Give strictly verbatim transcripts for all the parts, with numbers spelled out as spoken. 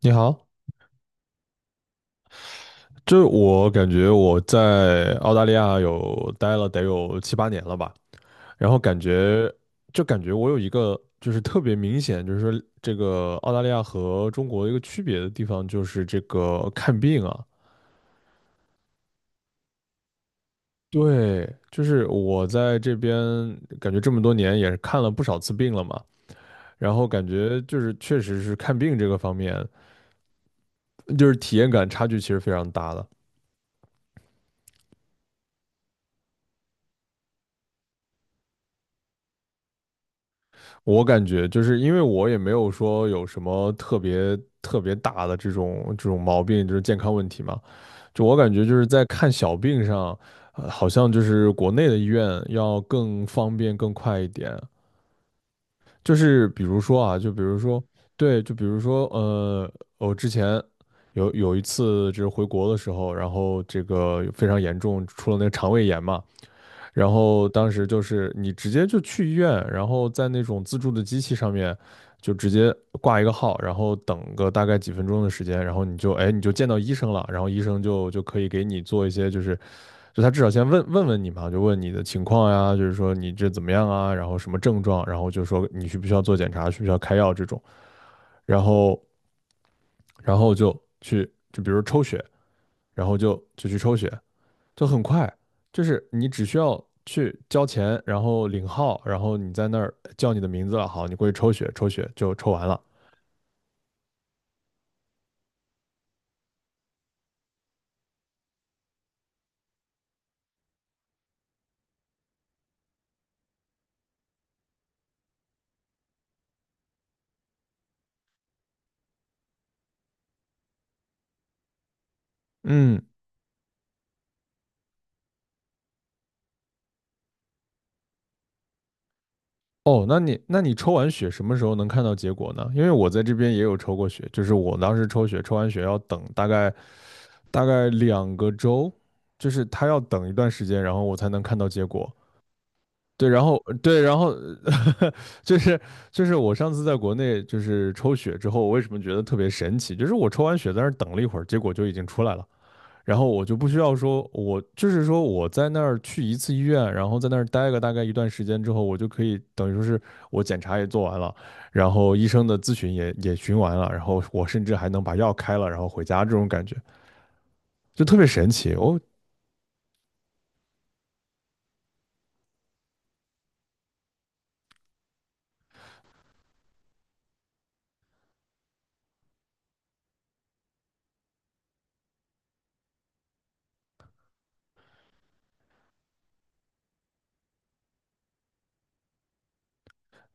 你好，就我感觉我在澳大利亚有待了得有七八年了吧，然后感觉就感觉我有一个就是特别明显，就是说这个澳大利亚和中国一个区别的地方就是这个看病啊，对，就是我在这边感觉这么多年也是看了不少次病了嘛，然后感觉就是确实是看病这个方面，就是体验感差距其实非常大的。我感觉就是因为我也没有说有什么特别特别大的这种这种毛病，就是健康问题嘛。就我感觉就是在看小病上，呃，好像就是国内的医院要更方便更快一点。就是比如说啊，就比如说，对，就比如说，呃，我之前有有一次就是回国的时候，然后这个非常严重，出了那个肠胃炎嘛。然后当时就是你直接就去医院，然后在那种自助的机器上面就直接挂一个号，然后等个大概几分钟的时间，然后你就哎你就见到医生了，然后医生就就可以给你做一些就是就他至少先问问问你嘛，就问你的情况呀，就是说你这怎么样啊，然后什么症状，然后就说你需不需要做检查，需不需要开药这种，然后然后就去就比如抽血，然后就就去抽血，就很快，就是你只需要去交钱，然后领号，然后你在那儿叫你的名字了，好，你过去抽血，抽血就抽完了。嗯，哦，那你那你抽完血什么时候能看到结果呢？因为我在这边也有抽过血，就是我当时抽血，抽完血要等大概大概两个周，就是他要等一段时间，然后我才能看到结果。对，然后对，然后就是就是我上次在国内就是抽血之后，我为什么觉得特别神奇？就是我抽完血在那儿等了一会儿，结果就已经出来了，然后我就不需要说，我就是说我在那儿去一次医院，然后在那儿待个大概一段时间之后，我就可以等于说是我检查也做完了，然后医生的咨询也也询完了，然后我甚至还能把药开了，然后回家这种感觉就特别神奇哦。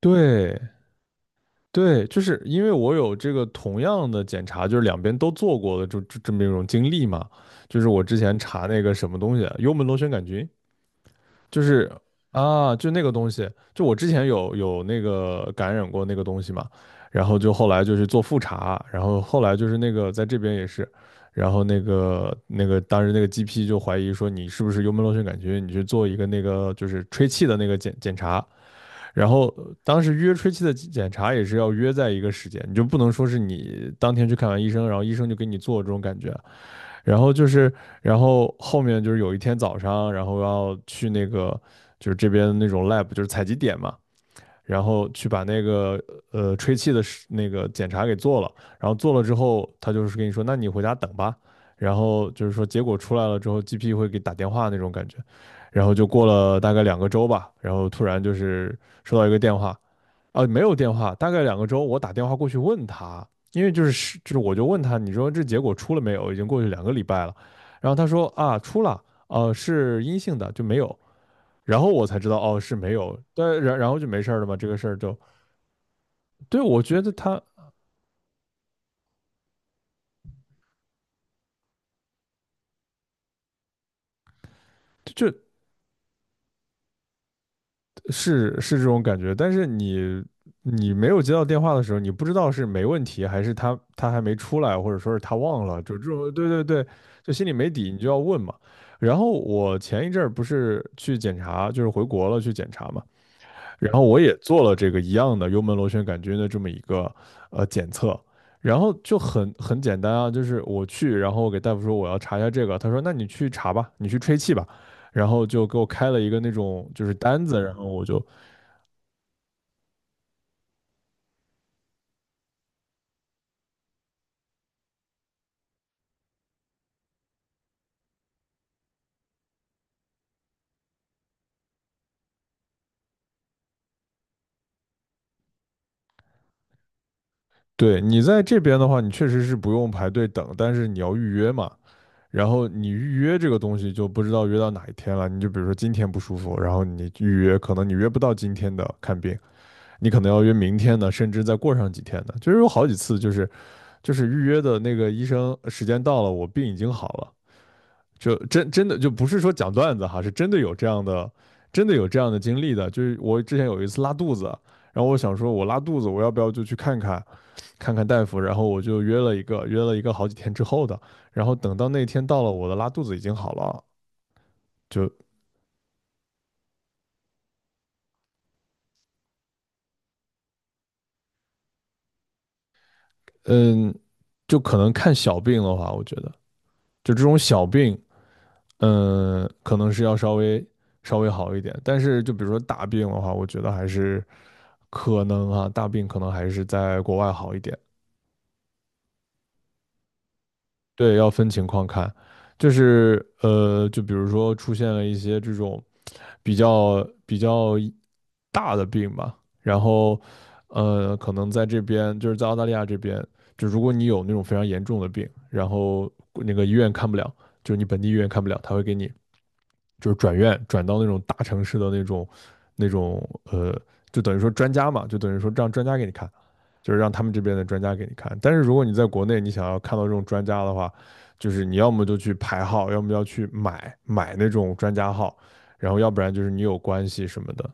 对，对，就是因为我有这个同样的检查，就是两边都做过的这这这么一种经历嘛。就是我之前查那个什么东西，幽门螺旋杆菌，就是啊，就那个东西，就我之前有有那个感染过那个东西嘛，然后就后来就是做复查，然后后来就是那个在这边也是，然后那个那个当时那个 G P 就怀疑说你是不是幽门螺旋杆菌，你去做一个那个就是吹气的那个检检查。然后当时约吹气的检查也是要约在一个时间，你就不能说是你当天去看完医生，然后医生就给你做这种感觉。然后就是，然后后面就是有一天早上，然后要去那个就是这边那种 lab，就是采集点嘛，然后去把那个呃吹气的那个检查给做了，然后做了之后，他就是跟你说，那你回家等吧。然后就是说结果出来了之后，G P 会给打电话那种感觉。然后就过了大概两个周吧，然后突然就是收到一个电话，啊，没有电话，大概两个周，我打电话过去问他，因为就是是就是我就问他，你说这结果出了没有？已经过去两个礼拜了。然后他说啊，出了，呃，是阴性的，就没有。然后我才知道哦是没有，但然然后就没事儿了嘛，这个事儿就对我觉得他就是是这种感觉，但是你你没有接到电话的时候，你不知道是没问题还是他他还没出来，或者说是他忘了，就这种对对对，就心里没底，你就要问嘛。然后我前一阵儿不是去检查，就是回国了去检查嘛，然后我也做了这个一样的幽门螺旋杆菌的这么一个呃检测，然后就很很简单啊，就是我去，然后我给大夫说我要查一下这个，他说那你去查吧，你去吹气吧，然后就给我开了一个那种就是单子，然后我就对你在这边的话，你确实是不用排队等，但是你要预约嘛，然后你预约这个东西就不知道约到哪一天了，你就比如说今天不舒服，然后你预约，可能你约不到今天的看病，你可能要约明天的，甚至再过上几天的，就是有好几次就是。就是预约的那个医生时间到了，我病已经好了，就真真的就不是说讲段子哈，是真的有这样的，真的有这样的经历的。就是我之前有一次拉肚子，然后我想说我拉肚子，我要不要就去看看看看大夫？然后我就约了一个约了一个好几天之后的，然后等到那天到了，我的拉肚子已经好了，就嗯，就可能看小病的话，我觉得就这种小病，嗯，可能是要稍微稍微好一点，但是就比如说大病的话，我觉得还是。可能啊，大病可能还是在国外好一点。对，要分情况看，就是呃，就比如说出现了一些这种比较比较大的病吧，然后呃，可能在这边就是在澳大利亚这边，就如果你有那种非常严重的病，然后那个医院看不了，就是你本地医院看不了，他会给你就是转院转到那种大城市的那种那种呃，就等于说专家嘛，就等于说让专家给你看，就是让他们这边的专家给你看。但是如果你在国内，你想要看到这种专家的话，就是你要么就去排号，要么要去买买那种专家号，然后要不然就是你有关系什么的。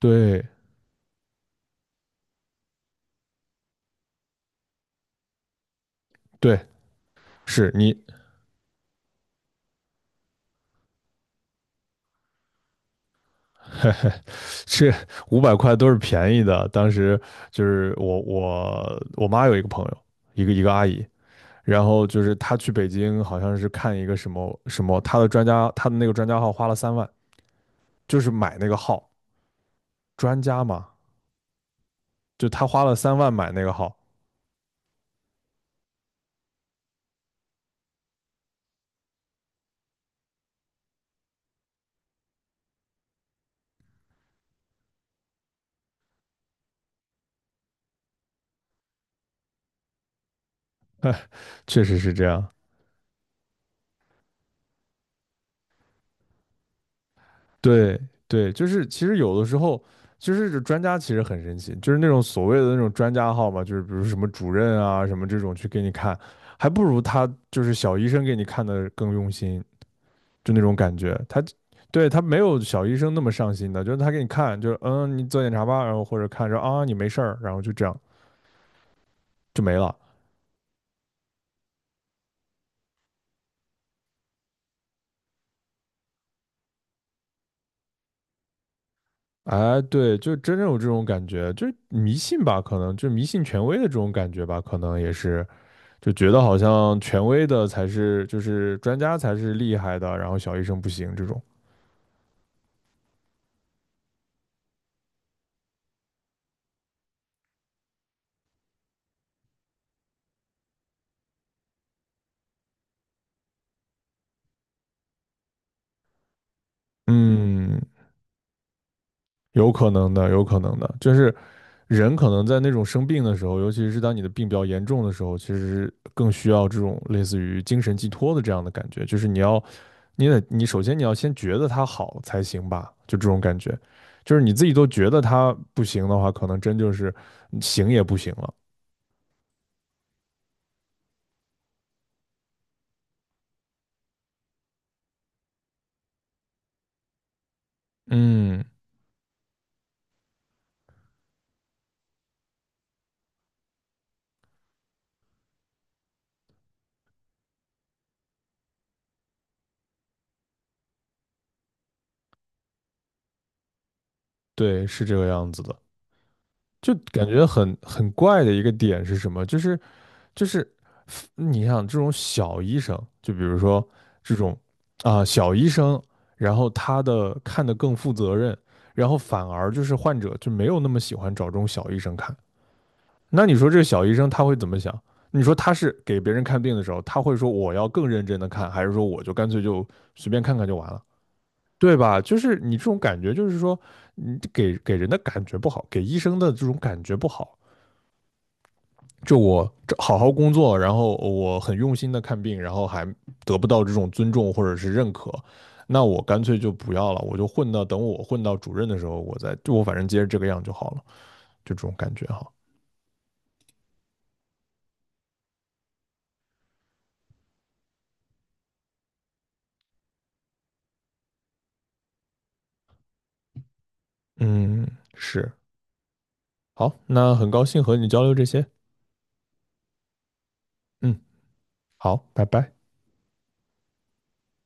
对对，是你 这五百块都是便宜的。当时就是我我我妈有一个朋友，一个一个阿姨，然后就是他去北京，好像是看一个什么什么，他的专家，他的那个专家号花了三万，就是买那个号，专家嘛，就他花了三万买那个号，哎，确实是这样。对对，就是其实有的时候，就是这专家其实很神奇，就是那种所谓的那种专家号嘛，就是比如什么主任啊什么这种去给你看，还不如他就是小医生给你看的更用心，就那种感觉。他对他没有小医生那么上心的，就是他给你看，就是嗯，你做检查吧，然后或者看着啊你没事儿，然后就这样就没了。哎，对，就真正有这种感觉，就是迷信吧，可能就是迷信权威的这种感觉吧，可能也是就觉得好像权威的才是，就是专家才是厉害的，然后小医生不行这种。嗯，有可能的，有可能的，就是人可能在那种生病的时候，尤其是当你的病比较严重的时候，其实更需要这种类似于精神寄托的这样的感觉，就是你要，你得，你首先你要先觉得他好才行吧，就这种感觉，就是你自己都觉得他不行的话，可能真就是行也不行了。嗯，对，是这个样子的。就感觉很很怪的一个点是什么？就是就是你想这种小医生，就比如说这种啊、小医生，然后他的看得更负责任，然后反而就是患者就没有那么喜欢找这种小医生看。那你说这个小医生他会怎么想？你说他是给别人看病的时候，他会说我要更认真的看，还是说我就干脆就随便看看就完了，对吧？就是你这种感觉，就是说你给给人的感觉不好，给医生的这种感觉不好，就我这好好工作，然后我很用心的看病，然后还得不到这种尊重或者是认可，那我干脆就不要了，我就混到等我混到主任的时候，我再就我反正接着这个样就好了，就这种感觉哈。嗯，是，好，那很高兴和你交流这些，嗯，好，拜拜。